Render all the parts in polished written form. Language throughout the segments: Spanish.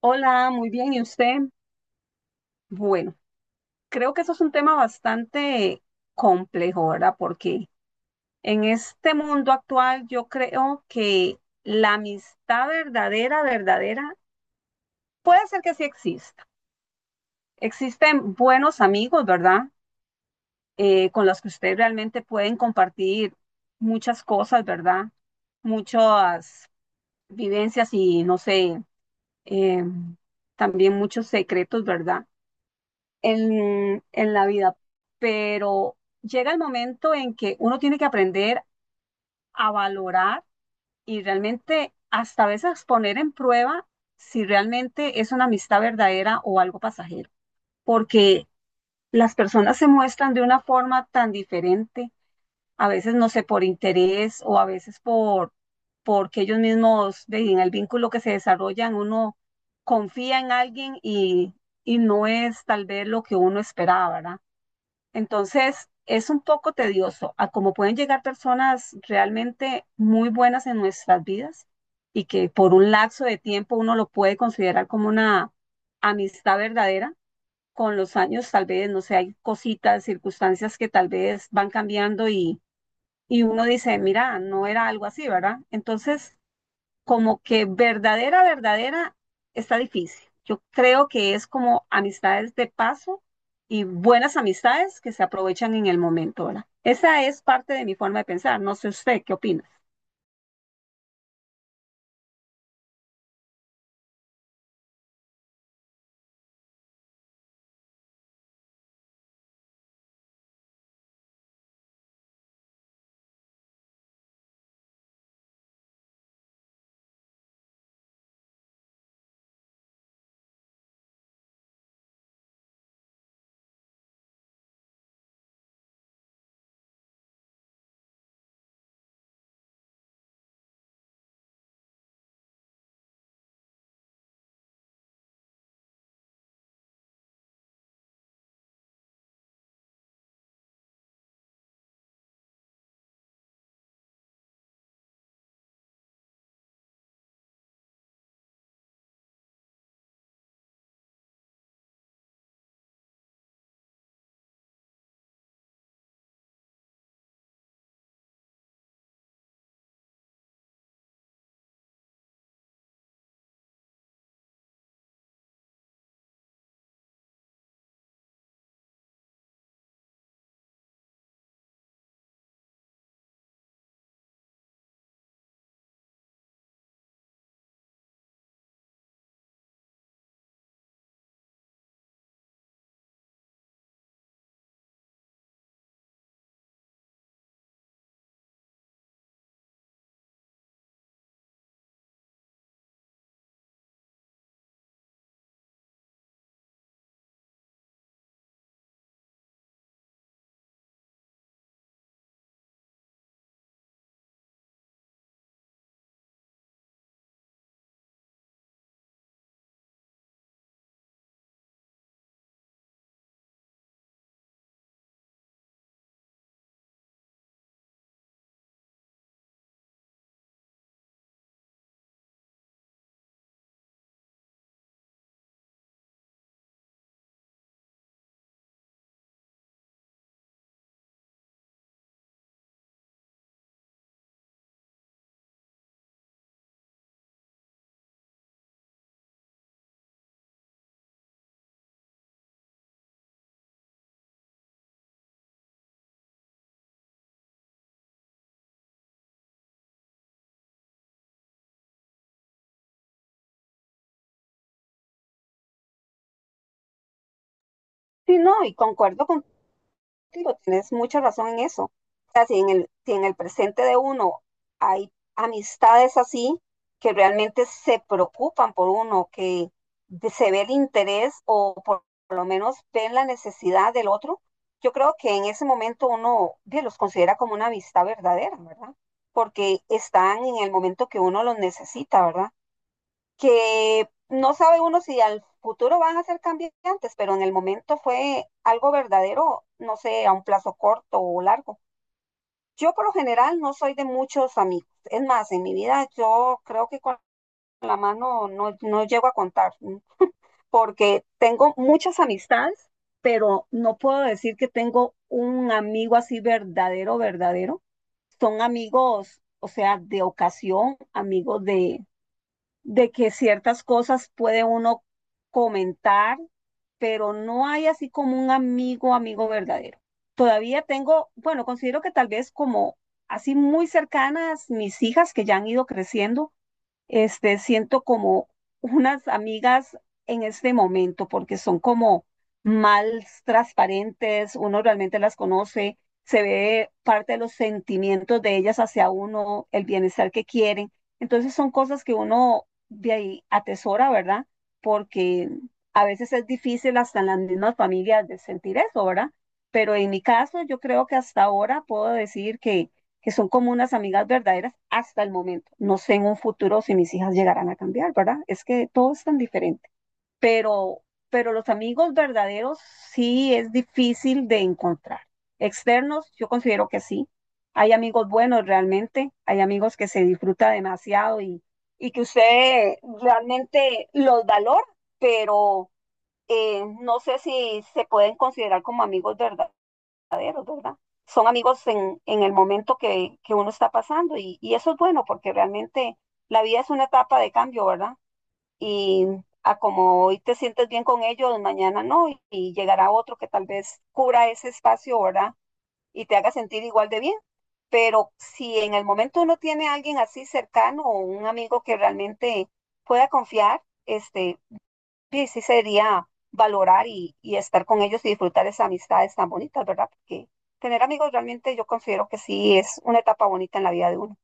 Hola, muy bien. ¿Y usted? Bueno, creo que eso es un tema bastante complejo, ¿verdad? Porque en este mundo actual yo creo que la amistad verdadera, verdadera, puede ser que sí exista. Existen buenos amigos, ¿verdad? Con los que ustedes realmente pueden compartir muchas cosas, ¿verdad? Muchas vivencias y, no sé, em, también muchos secretos, ¿verdad? En la vida, pero llega el momento en que uno tiene que aprender a valorar y realmente hasta a veces poner en prueba si realmente es una amistad verdadera o algo pasajero, porque las personas se muestran de una forma tan diferente, a veces no sé, por interés o a veces porque ellos mismos ve, en el vínculo que se desarrollan, uno confía en alguien y no es tal vez lo que uno esperaba, ¿verdad? Entonces, es un poco tedioso a cómo pueden llegar personas realmente muy buenas en nuestras vidas y que por un lapso de tiempo uno lo puede considerar como una amistad verdadera. Con los años, tal vez, no sé, hay cositas, circunstancias que tal vez van cambiando y uno dice, mira, no era algo así, ¿verdad? Entonces, como que verdadera, verdadera, está difícil. Yo creo que es como amistades de paso y buenas amistades que se aprovechan en el momento, ¿verdad? Esa es parte de mi forma de pensar. No sé usted, ¿qué opina? Sí, no, y concuerdo con digo, tienes mucha razón en eso. O sea, si en el presente de uno hay amistades así que realmente se preocupan por uno, que se ve el interés o por lo menos ven la necesidad del otro, yo creo que en ese momento uno bien, los considera como una amistad verdadera, ¿verdad? Porque están en el momento que uno los necesita, ¿verdad? Que no sabe uno si al futuro van a ser cambiantes, pero en el momento fue algo verdadero, no sé, a un plazo corto o largo. Yo por lo general no soy de muchos amigos. Es más, en mi vida yo creo que con la mano no llego a contar, ¿sí? Porque tengo muchas amistades, pero no puedo decir que tengo un amigo así verdadero, verdadero. Son amigos, o sea, de ocasión, de que ciertas cosas puede uno comentar, pero no hay así como un amigo, amigo verdadero. Todavía tengo, bueno, considero que tal vez como así muy cercanas mis hijas que ya han ido creciendo, siento como unas amigas en este momento, porque son como mal transparentes, uno realmente las conoce, se ve parte de los sentimientos de ellas hacia uno, el bienestar que quieren. Entonces son cosas que uno de ahí atesora, ¿verdad? Porque a veces es difícil hasta en las mismas familias de sentir eso, ¿verdad? Pero en mi caso, yo creo que hasta ahora puedo decir que son como unas amigas verdaderas hasta el momento. No sé en un futuro si mis hijas llegarán a cambiar, ¿verdad? Es que todo es tan diferente, pero, pero los amigos verdaderos sí es difícil de encontrar. Externos, yo considero que sí. Hay amigos buenos realmente, hay amigos que se disfruta demasiado y que usted realmente los valora, pero no sé si se pueden considerar como amigos verdaderos verdaderos, ¿verdad? Son amigos en el momento que uno está pasando y eso es bueno porque realmente la vida es una etapa de cambio, ¿verdad? Y a como hoy te sientes bien con ellos, mañana no, y llegará otro que tal vez cubra ese espacio, ¿verdad? Y te haga sentir igual de bien. Pero si en el momento uno tiene a alguien así cercano o un amigo que realmente pueda confiar, sí, sí sería valorar y estar con ellos y disfrutar esas amistades tan bonitas, ¿verdad? Porque tener amigos realmente yo considero que sí es una etapa bonita en la vida de uno.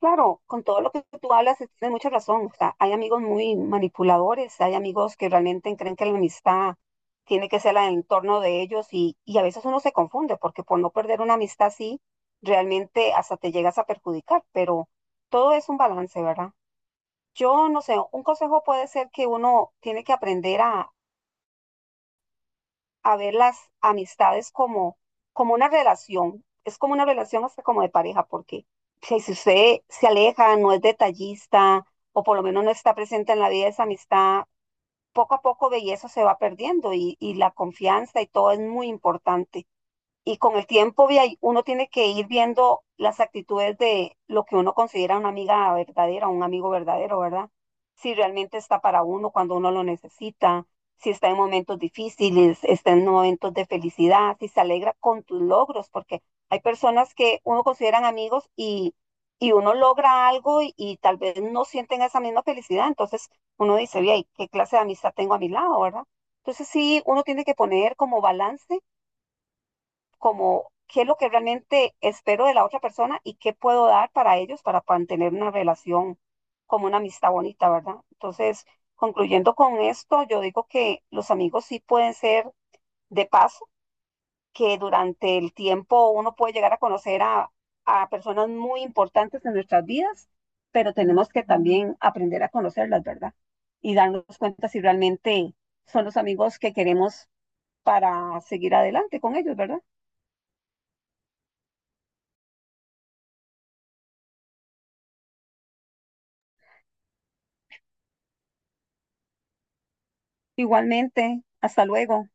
Claro, con todo lo que tú hablas, tienes mucha razón. O sea, hay amigos muy manipuladores, hay amigos que realmente creen que la amistad tiene que ser la del entorno de ellos y a veces uno se confunde porque por no perder una amistad así, realmente hasta te llegas a perjudicar, pero todo es un balance, ¿verdad? Yo no sé, un consejo puede ser que uno tiene que a ver las amistades como, como una relación. Es como una relación hasta como de pareja, porque si usted se aleja, no es detallista, o por lo menos no está presente en la vida de esa amistad, poco a poco belleza se va perdiendo y la confianza y todo es muy importante y con el tiempo vi ahí, uno tiene que ir viendo las actitudes de lo que uno considera una amiga verdadera, un amigo verdadero, ¿verdad? Si realmente está para uno cuando uno lo necesita, si está en momentos difíciles, está en momentos de felicidad, si se alegra con tus logros, porque hay personas que uno consideran amigos y uno logra algo y tal vez no sienten esa misma felicidad, entonces uno dice, bien, ¿qué clase de amistad tengo a mi lado, verdad? Entonces sí, uno tiene que poner como balance como qué es lo que realmente espero de la otra persona y qué puedo dar para ellos para mantener una relación como una amistad bonita, ¿verdad? Entonces, concluyendo con esto, yo digo que los amigos sí pueden ser de paso, que durante el tiempo uno puede llegar a conocer a personas muy importantes en nuestras vidas, pero tenemos que también aprender a conocerlas, ¿verdad? Y darnos cuenta si realmente son los amigos que queremos para seguir adelante con ellos, ¿verdad? Igualmente, hasta luego.